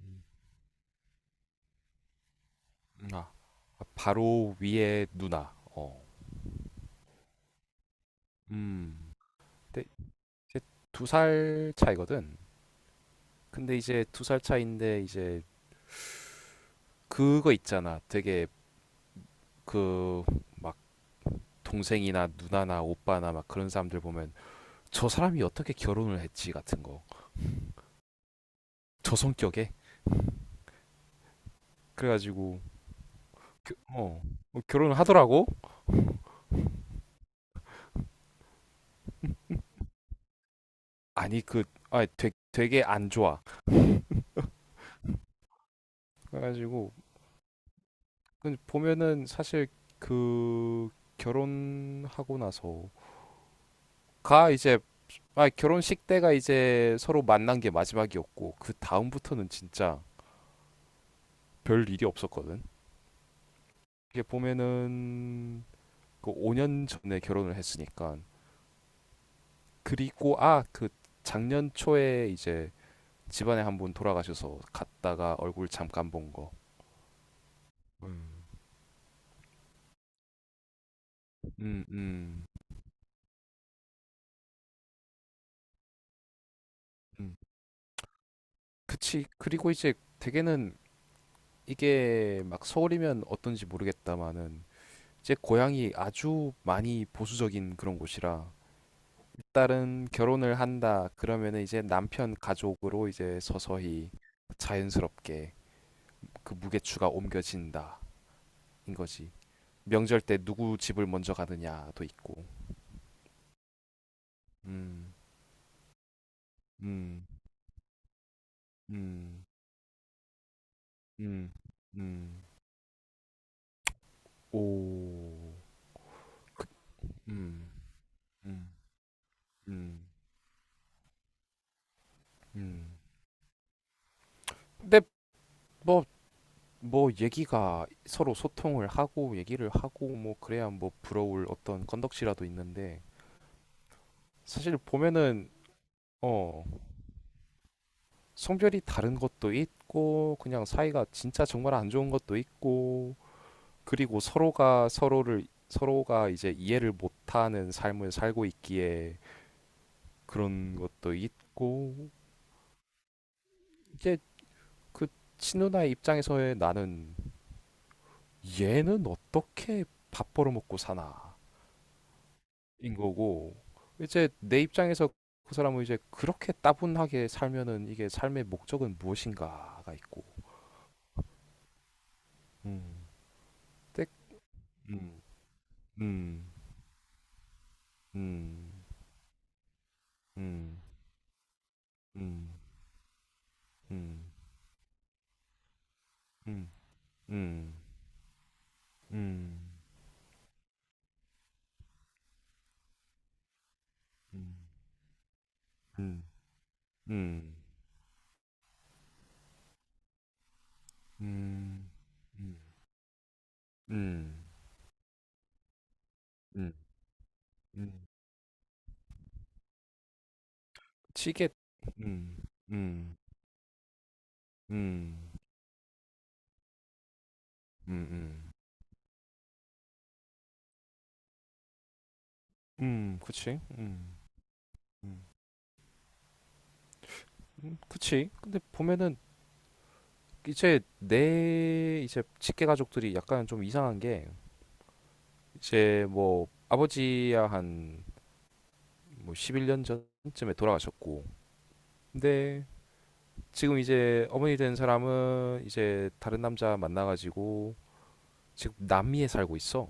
음. 아, 바로 위에 누나. 어. 음. 근데 이제 두 살 차이거든. 근데 이제 두 살 차이인데 이제 그거 있잖아. 되게 그 막 동생이나 누나나 오빠나 막 그런 사람들 보면 저 사람이 어떻게 결혼을 했지 같은 거. 저 성격에. 그래가지고 겨- 어, 결혼을 하더라고. 아니 되게 안 좋아. 그래가지고 근데 보면은 사실 그 결혼하고 나서가 이제 아, 결혼식 때가 이제 서로 만난 게 마지막이었고 그 다음부터는 진짜 별 일이 없었거든. 이게 보면은 그 5년 전에 결혼을 했으니까, 그리고 아, 그 작년 초에 이제 집안에 한 분 돌아가셔서 갔다가 얼굴 잠깐 본 거. 음. 음. 음. 음. 그치. 그리고 이제 대개는 이게 막 서울이면 어떤지 모르겠다마는 제 고향이 아주 많이 보수적인 그런 곳이라 일단은 결혼을 한다 그러면은 이제 남편 가족으로 이제 서서히 자연스럽게 그 무게추가 옮겨진다 인 거지. 명절 때 누구 집을 먼저 가느냐도 있고. 음. 음. 음. 음. 음. 오. 음. 음. 음. 음. 근데 뭐 뭐 얘기가 서로 소통을 하고 얘기를 하고 뭐 그래야 뭐 부러울 어떤 건덕지라도 있는데 사실 보면은 어, 성별이 다른 것도 있고 그냥 사이가 진짜 정말 안 좋은 것도 있고 그리고 서로가 서로를 서로가 이제 이해를 못하는 삶을 살고 있기에 그런 것도 있고. 이제 그 친누나의 입장에서의 나는, 얘는 어떻게 밥 벌어먹고 사나 인 거고, 이제 내 입장에서 그 사람은 이제 그렇게 따분하게 살면은 이게 삶의 목적은 무엇인가가 있고. 음. 땡. 음. 음. 음. 음. 음. 음. 음. 음. 음. 음. 음. 음. 음. 음. 음. 음. 음. 치게. 음. 음. 음. 음. 음. 그치. 음. 음. 그치. 근데 보면은 이제 내 이제 직계 가족들이 약간 좀 이상한 게, 이제 뭐 아버지야 한뭐 11년 전쯤에 돌아가셨고. 근데 지금 이제 어머니 된 사람은 이제 다른 남자 만나가지고 지금 남미에 살고 있어.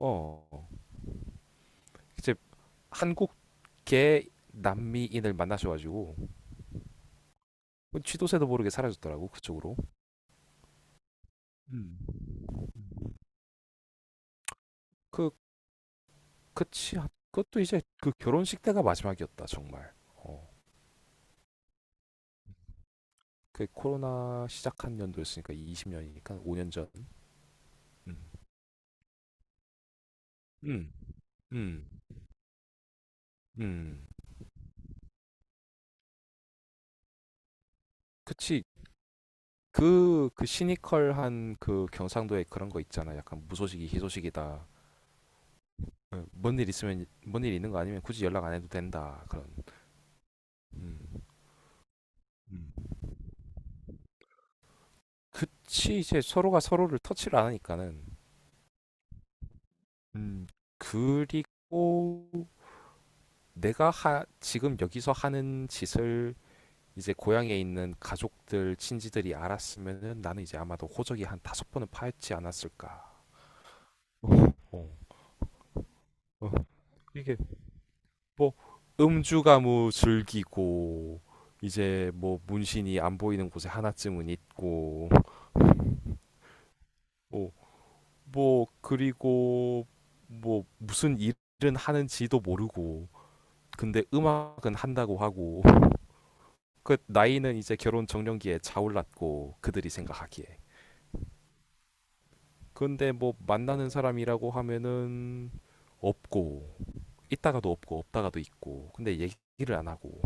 어, 이제 한국계 남미인을 만나셔가지고 쥐도새도 모르게 사라졌더라고 그쪽으로. 음. 그 그치. 그것도 이제 그 결혼식 때가 마지막이었다, 정말. 어. 그 코로나 시작한 연도였으니까 20년이니까 5년 전. 음. 음. 음. 음. 그치. 그 시니컬한 그 경상도에 그런 거 있잖아. 약간 무소식이 희소식이다. 어, 뭔일 있으면, 뭔 일 있는 거 아니면 굳이 연락 안 해도 된다. 그런. 음. 음. 그치. 이제 서로가 서로를 터치를 안 하니까는. 음. 그리고 내가 지금 여기서 하는 짓을 이제 고향에 있는 가족들, 친지들이 알았으면은 나는 이제 아마도 호적이 한 다섯 번은 파헤치지 않았을까. 어. 어. 어. 이게 뭐 음주가무 즐기고, 이제 뭐 문신이 안 보이는 곳에 하나쯤은 있고, 어, 뭐 그리고 뭐 무슨 일은 하는지도 모르고, 근데 음악은 한다고 하고, 그 나이는 이제 결혼 적령기에 차올랐고 그들이 생각하기에. 근데 뭐 만나는 사람이라고 하면은 없고, 있다가도 없고 없다가도 있고, 근데 얘기를 안 하고,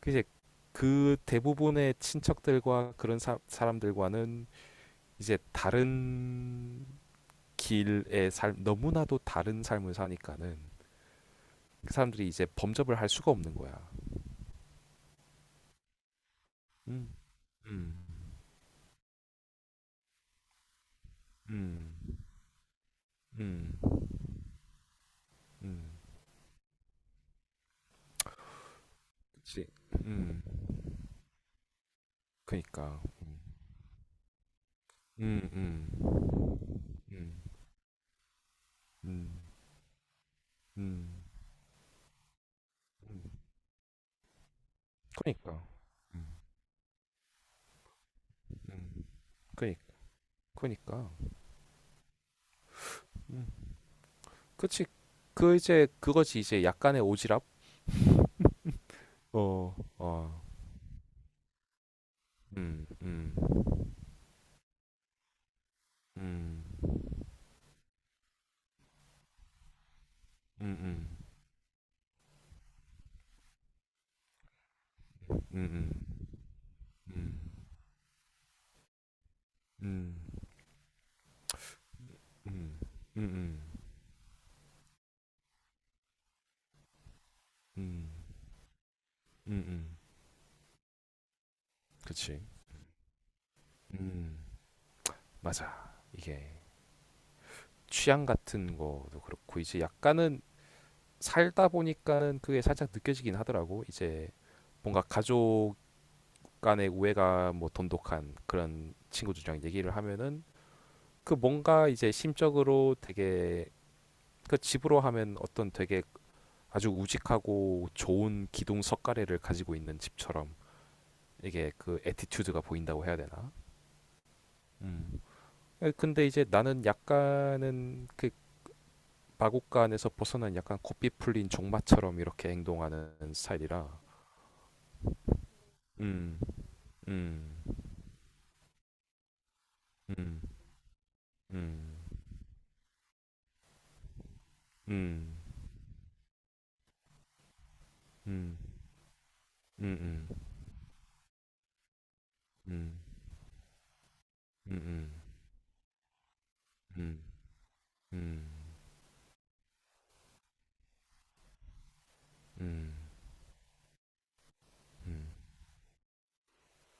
그 이제 그 대부분의 친척들과 그런 사람들과는 이제 다른 길의 삶, 너무나도 다른 삶을 사니까는 그 사람들이 이제 범접을 할 수가 없는 거야. 음. 음. 음. 음. 음. 그치. 음. 그니까. 음. 음. 음. 음. 음. 음. 음. 그니까. 음. 음. 그니까. 그니까. 음. 그치. 그 이제 그거지, 이제 약간의 오지랖. 어. 어. 음. 음. 음. 음. 음. 음. 음. 음. 음. 음. 음. 음. 음. 음. 음. 그치. 음. 맞아, 이게 취향 같은 거도 그렇고 이제 약간은 살다 보니까는 그게 살짝 느껴지긴 하더라고. 이제 뭔가 가족 간의 우애가 뭐 돈독한 그런 친구들이랑 얘기를 하면은 그 뭔가 이제 심적으로 되게 그, 집으로 하면 어떤 되게 아주 우직하고 좋은 기둥 석가래를 가지고 있는 집처럼 이게 그 애티튜드가 보인다고 해야 되나? 음. 에, 근데 이제 나는 약간은 그 마곡간에서 벗어난 약간 고삐 풀린 종마처럼 이렇게 행동하는 스타일이라. 음. 음. 음. 음. 음. 음. 음 음. 음. 음 음. 음. 음. 음. 음. 음. 음.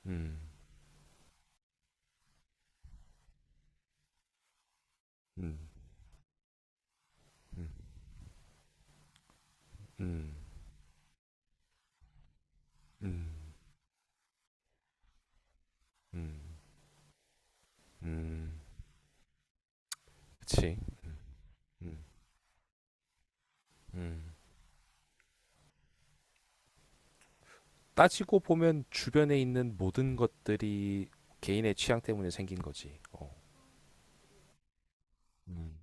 음. 음. 음. 음. 음. 음. 그치. 음. 음. 따지고 보면 주변에 있는 모든 것들이 개인의 취향 때문에 생긴 거지. 어. 음.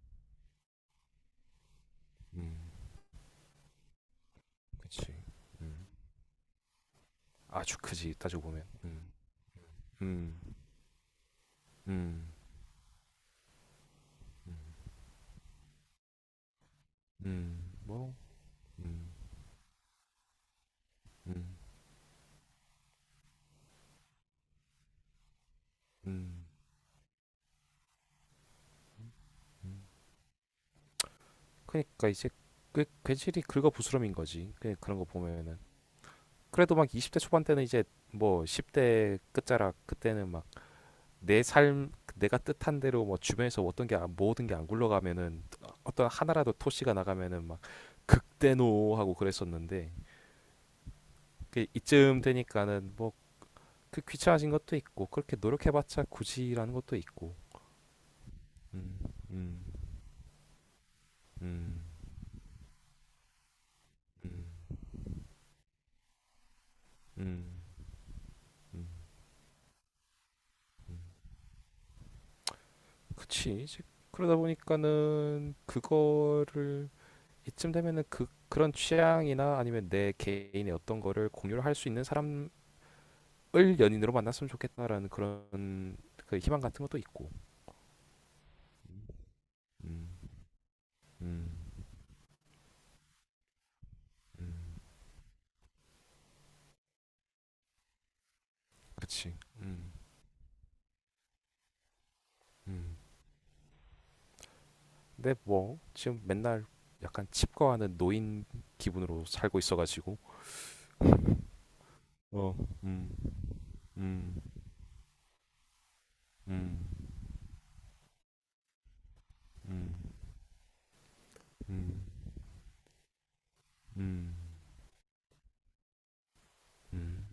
음. 그치. 음. 아주 크지. 따지고 보면. 음. 음. 음. 음. 뭐. 음. 음. 음. 음. 그러니까 이제 그 괜시리 긁어 부스럼인 거지. 그런 거 보면은. 그래도 막 20대 초반 때는 이제 뭐 10대 끝자락 그때는 막 내 삶, 내가 뜻한 대로 뭐 주변에서 어떤 게 모든 게 안 굴러가면은 어떤 하나라도 토시가 나가면은 막 극대노 하고 그랬었는데 그 이쯤 되니까는 뭐 그 귀찮아진 것도 있고 그렇게 노력해봤자 굳이라는 것도 있고. 음. 음. 음. 음. 음. 그치. 이제 그러다 보니까는 그거를 이쯤 되면은 그 그런 취향이나 아니면 내 개인의 어떤 거를 공유를 할 수 있는 사람을 연인으로 만났으면 좋겠다라는 그런 그 희망 같은 것도 있고. 음. 음. 음. 그치. 음. 음. 근데 뭐 지금 맨날 약간 칩거하는 노인 기분으로 살고 있어가지고. 어. 음. 음. 음. 음. 음. 음. 음.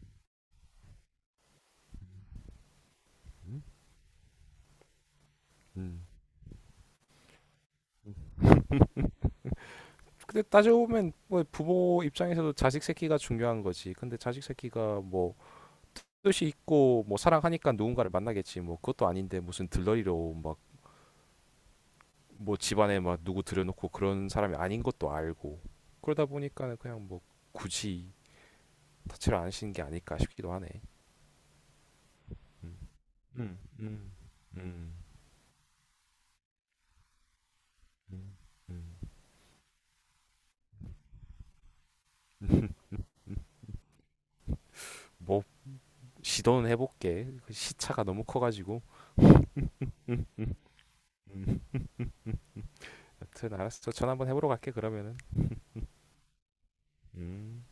음. 근데 따져 보면 뭐 부모 입장에서도 자식 새끼가 중요한 거지. 근데 자식 새끼가 뭐 뜻이 있고 뭐 사랑하니까 누군가를 만나겠지. 뭐 그것도 아닌데 무슨 들러리로 막 뭐 집안에 막 누구 들여놓고 그런 사람이 아닌 것도 알고, 그러다 보니까는 그냥 뭐 굳이 터치를 안 하시는 게 아닐까 싶기도 하네. 음. 음. 음. 음. 음. 음. 뭐 시도는 해볼게. 그 시차가 너무 커가지고. 음, 여튼 알았어. 전화 한번 해보러 갈게 그러면은. 음.